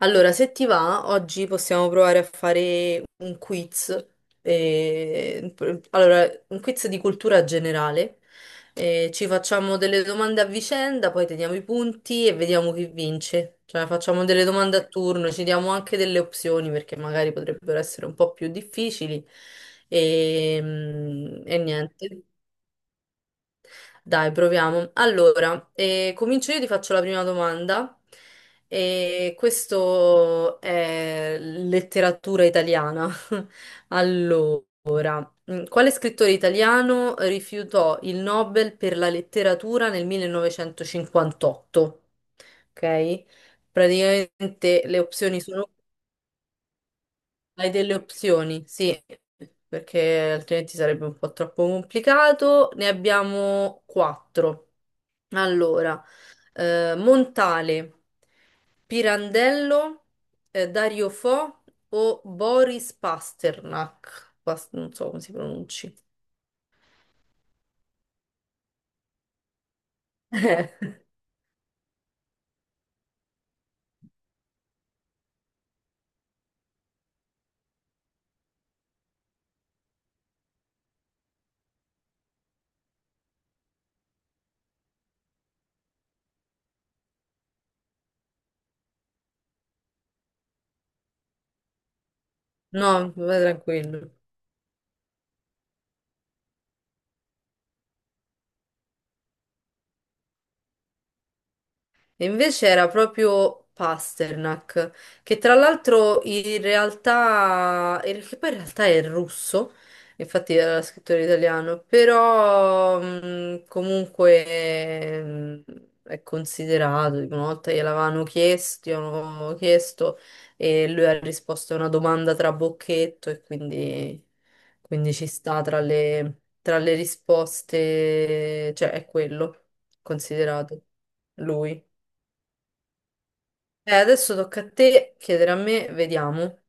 Allora, se ti va, oggi possiamo provare a fare un quiz. eh, allora, un quiz di cultura generale. Ci facciamo delle domande a vicenda, poi teniamo i punti e vediamo chi vince. Cioè, facciamo delle domande a turno, ci diamo anche delle opzioni perché magari potrebbero essere un po' più difficili. E niente. Dai, proviamo. Allora, comincio io, ti faccio la prima domanda. E questo è letteratura italiana. Allora, quale scrittore italiano rifiutò il Nobel per la letteratura nel 1958? Ok? Praticamente le opzioni sono hai delle opzioni, sì, perché altrimenti sarebbe un po' troppo complicato. Ne abbiamo quattro. Allora, Montale, Pirandello, Dario Fo o Boris Pasternak. Non so come si pronunci. No, va tranquillo. E invece era proprio Pasternak, che tra l'altro in realtà, che poi in realtà è russo, infatti era scrittore italiano, però comunque è considerato, dico, una volta gliel'avevano chiesto, gli avevano chiesto e lui ha risposto a una domanda tra bocchetto e quindi ci sta tra tra le risposte, cioè è quello considerato lui. Adesso tocca a te chiedere a me, vediamo.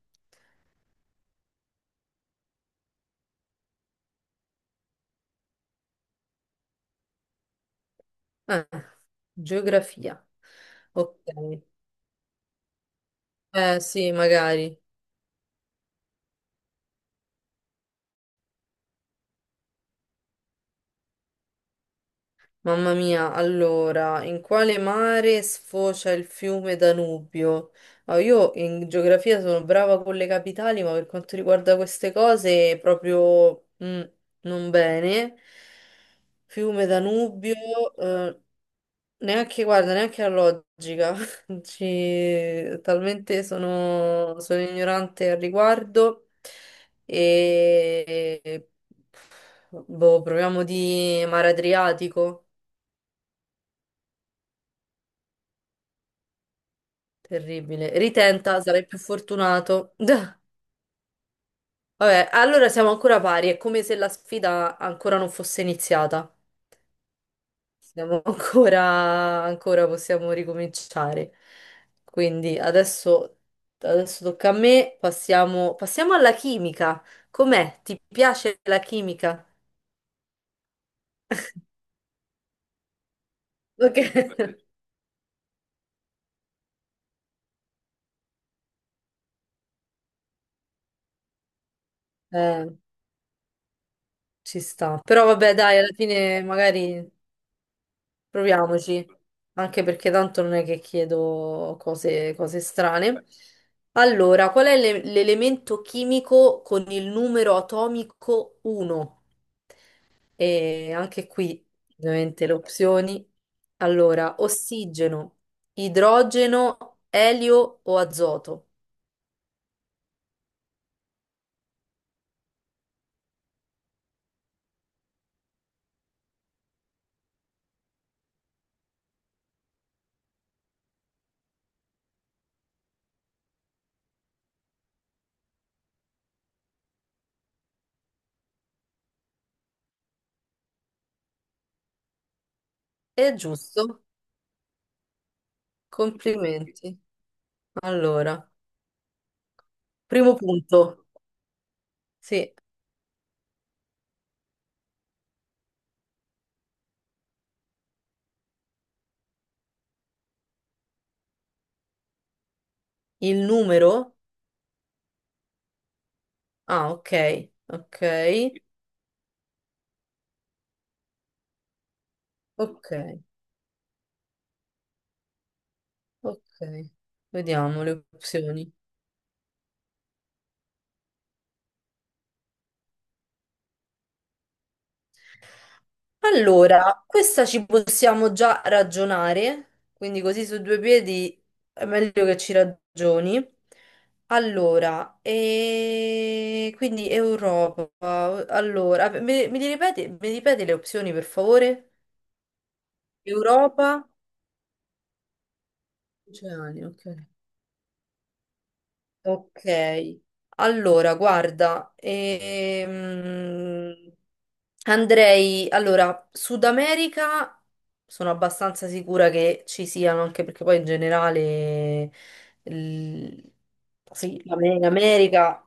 Eh, geografia. Ok. Eh sì, magari. Mamma mia, allora, in quale mare sfocia il fiume Danubio? Ah, io in geografia sono brava con le capitali, ma per quanto riguarda queste cose proprio non bene. Fiume Danubio, eh, neanche, guarda, neanche la logica. Talmente sono ignorante al riguardo. E boh, proviamo di mare Adriatico. Terribile. Ritenta, sarai più fortunato. Vabbè, allora siamo ancora pari, è come se la sfida ancora non fosse iniziata. Siamo ancora possiamo ricominciare. Quindi adesso tocca a me, passiamo alla chimica. Com'è? Ti piace la chimica? Ok. Eh, ci sta. Però vabbè, dai, alla fine magari proviamoci, anche perché tanto non è che chiedo cose strane. Allora, qual è l'elemento chimico con il numero atomico 1? E anche qui, ovviamente, le opzioni. Allora, ossigeno, idrogeno, elio o azoto? È giusto? Complimenti. Allora, primo punto. Sì, il numero? Ah, ok. Ok, vediamo le opzioni. Allora, questa ci possiamo già ragionare, quindi così su due piedi è meglio che ci ragioni. Allora, e quindi Europa. Allora, mi mi ripeti le opzioni per favore? Europa, oceani, ok. Ok, allora guarda, andrei, allora, Sud America sono abbastanza sicura che ci siano, anche perché poi in generale l- sì, l'America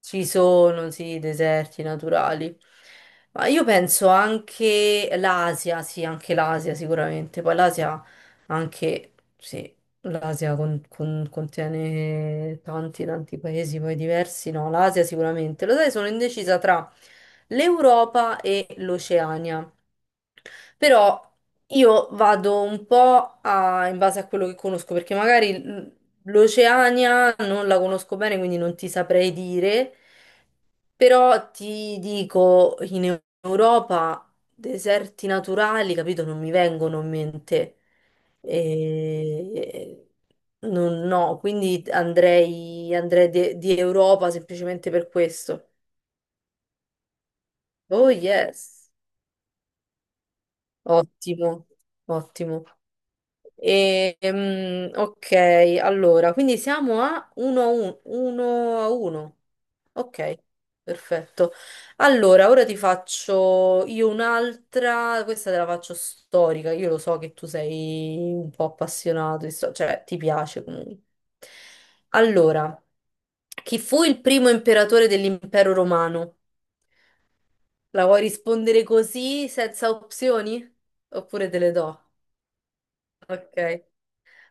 ci sono, sì, deserti naturali. Ma io penso anche l'Asia, sì, anche l'Asia sicuramente. Poi l'Asia anche, sì, l'Asia contiene tanti, tanti paesi poi diversi. No, l'Asia sicuramente. Lo sai, sono indecisa tra l'Europa e l'Oceania. Però io vado un po' in base a quello che conosco, perché magari l'Oceania non la conosco bene, quindi non ti saprei dire, però ti dico in Europa deserti naturali, capito? Non mi vengono in mente. E- no, quindi andrei di Europa semplicemente per questo. Oh yes, ottimo, ottimo. Ok, allora, quindi siamo a 1 a 1. Ok, perfetto. Allora, ora ti faccio io un'altra, questa te la faccio storica, io lo so che tu sei un po' appassionato, di cioè ti piace comunque. Allora, chi fu il primo imperatore dell'impero romano? La vuoi rispondere così, senza opzioni? Oppure te le do? Ok.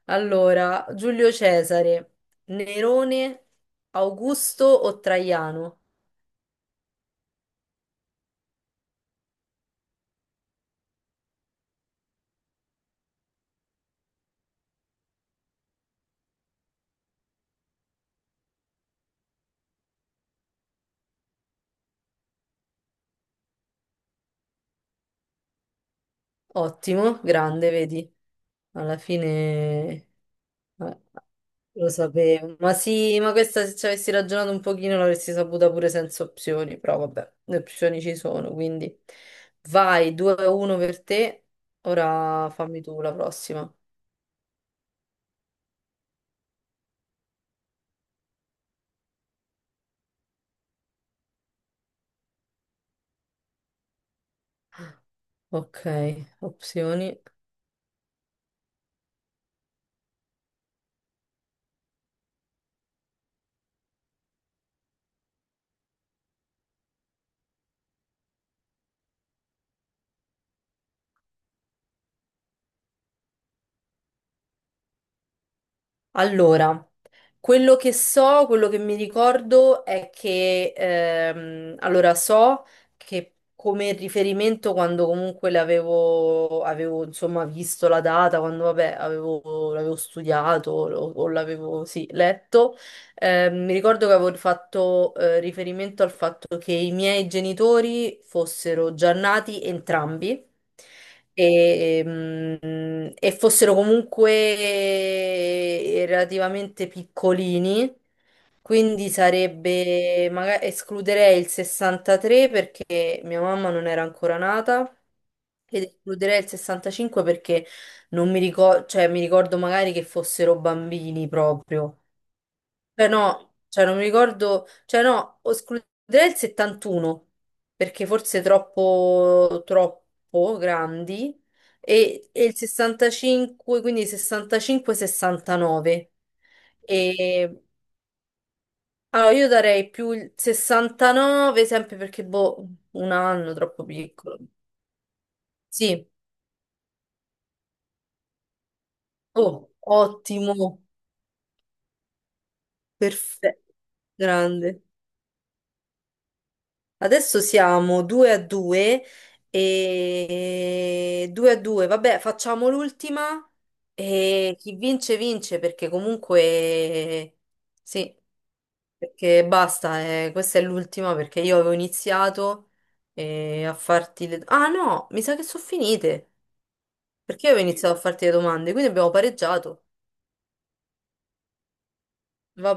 Allora, Giulio Cesare, Nerone, Augusto o Traiano? Ottimo, grande, vedi? Alla fine eh, lo sapevo. Ma sì, ma questa se ci avessi ragionato un pochino l'avresti saputa pure senza opzioni, però vabbè, le opzioni ci sono, quindi vai, 2-1 per te. Ora fammi tu la prossima. Ok, opzioni. Allora. Quello che so, quello che mi ricordo è che, allora so che come riferimento quando comunque avevo insomma visto la data, quando vabbè l'avevo studiato o l'avevo sì, letto, mi ricordo che avevo fatto riferimento al fatto che i miei genitori fossero già nati entrambi e fossero comunque relativamente piccolini, quindi sarebbe, magari escluderei il 63 perché mia mamma non era ancora nata. Ed escluderei il 65 perché non mi ricordo, cioè mi ricordo magari che fossero bambini proprio. Cioè no, cioè non mi ricordo, cioè no, escluderei il 71 perché forse troppo grandi e il 65, quindi 65-69. E allora io darei più il 69 sempre perché boh, un anno troppo piccolo. Sì, oh, perfetto, grande. Adesso siamo 2 a 2 e 2 a 2, vabbè, facciamo l'ultima e chi vince vince perché comunque sì, perché basta, questa è l'ultima perché io avevo iniziato a farti le... Ah no, mi sa che sono finite perché io avevo iniziato a farti le domande, quindi abbiamo pareggiato. Va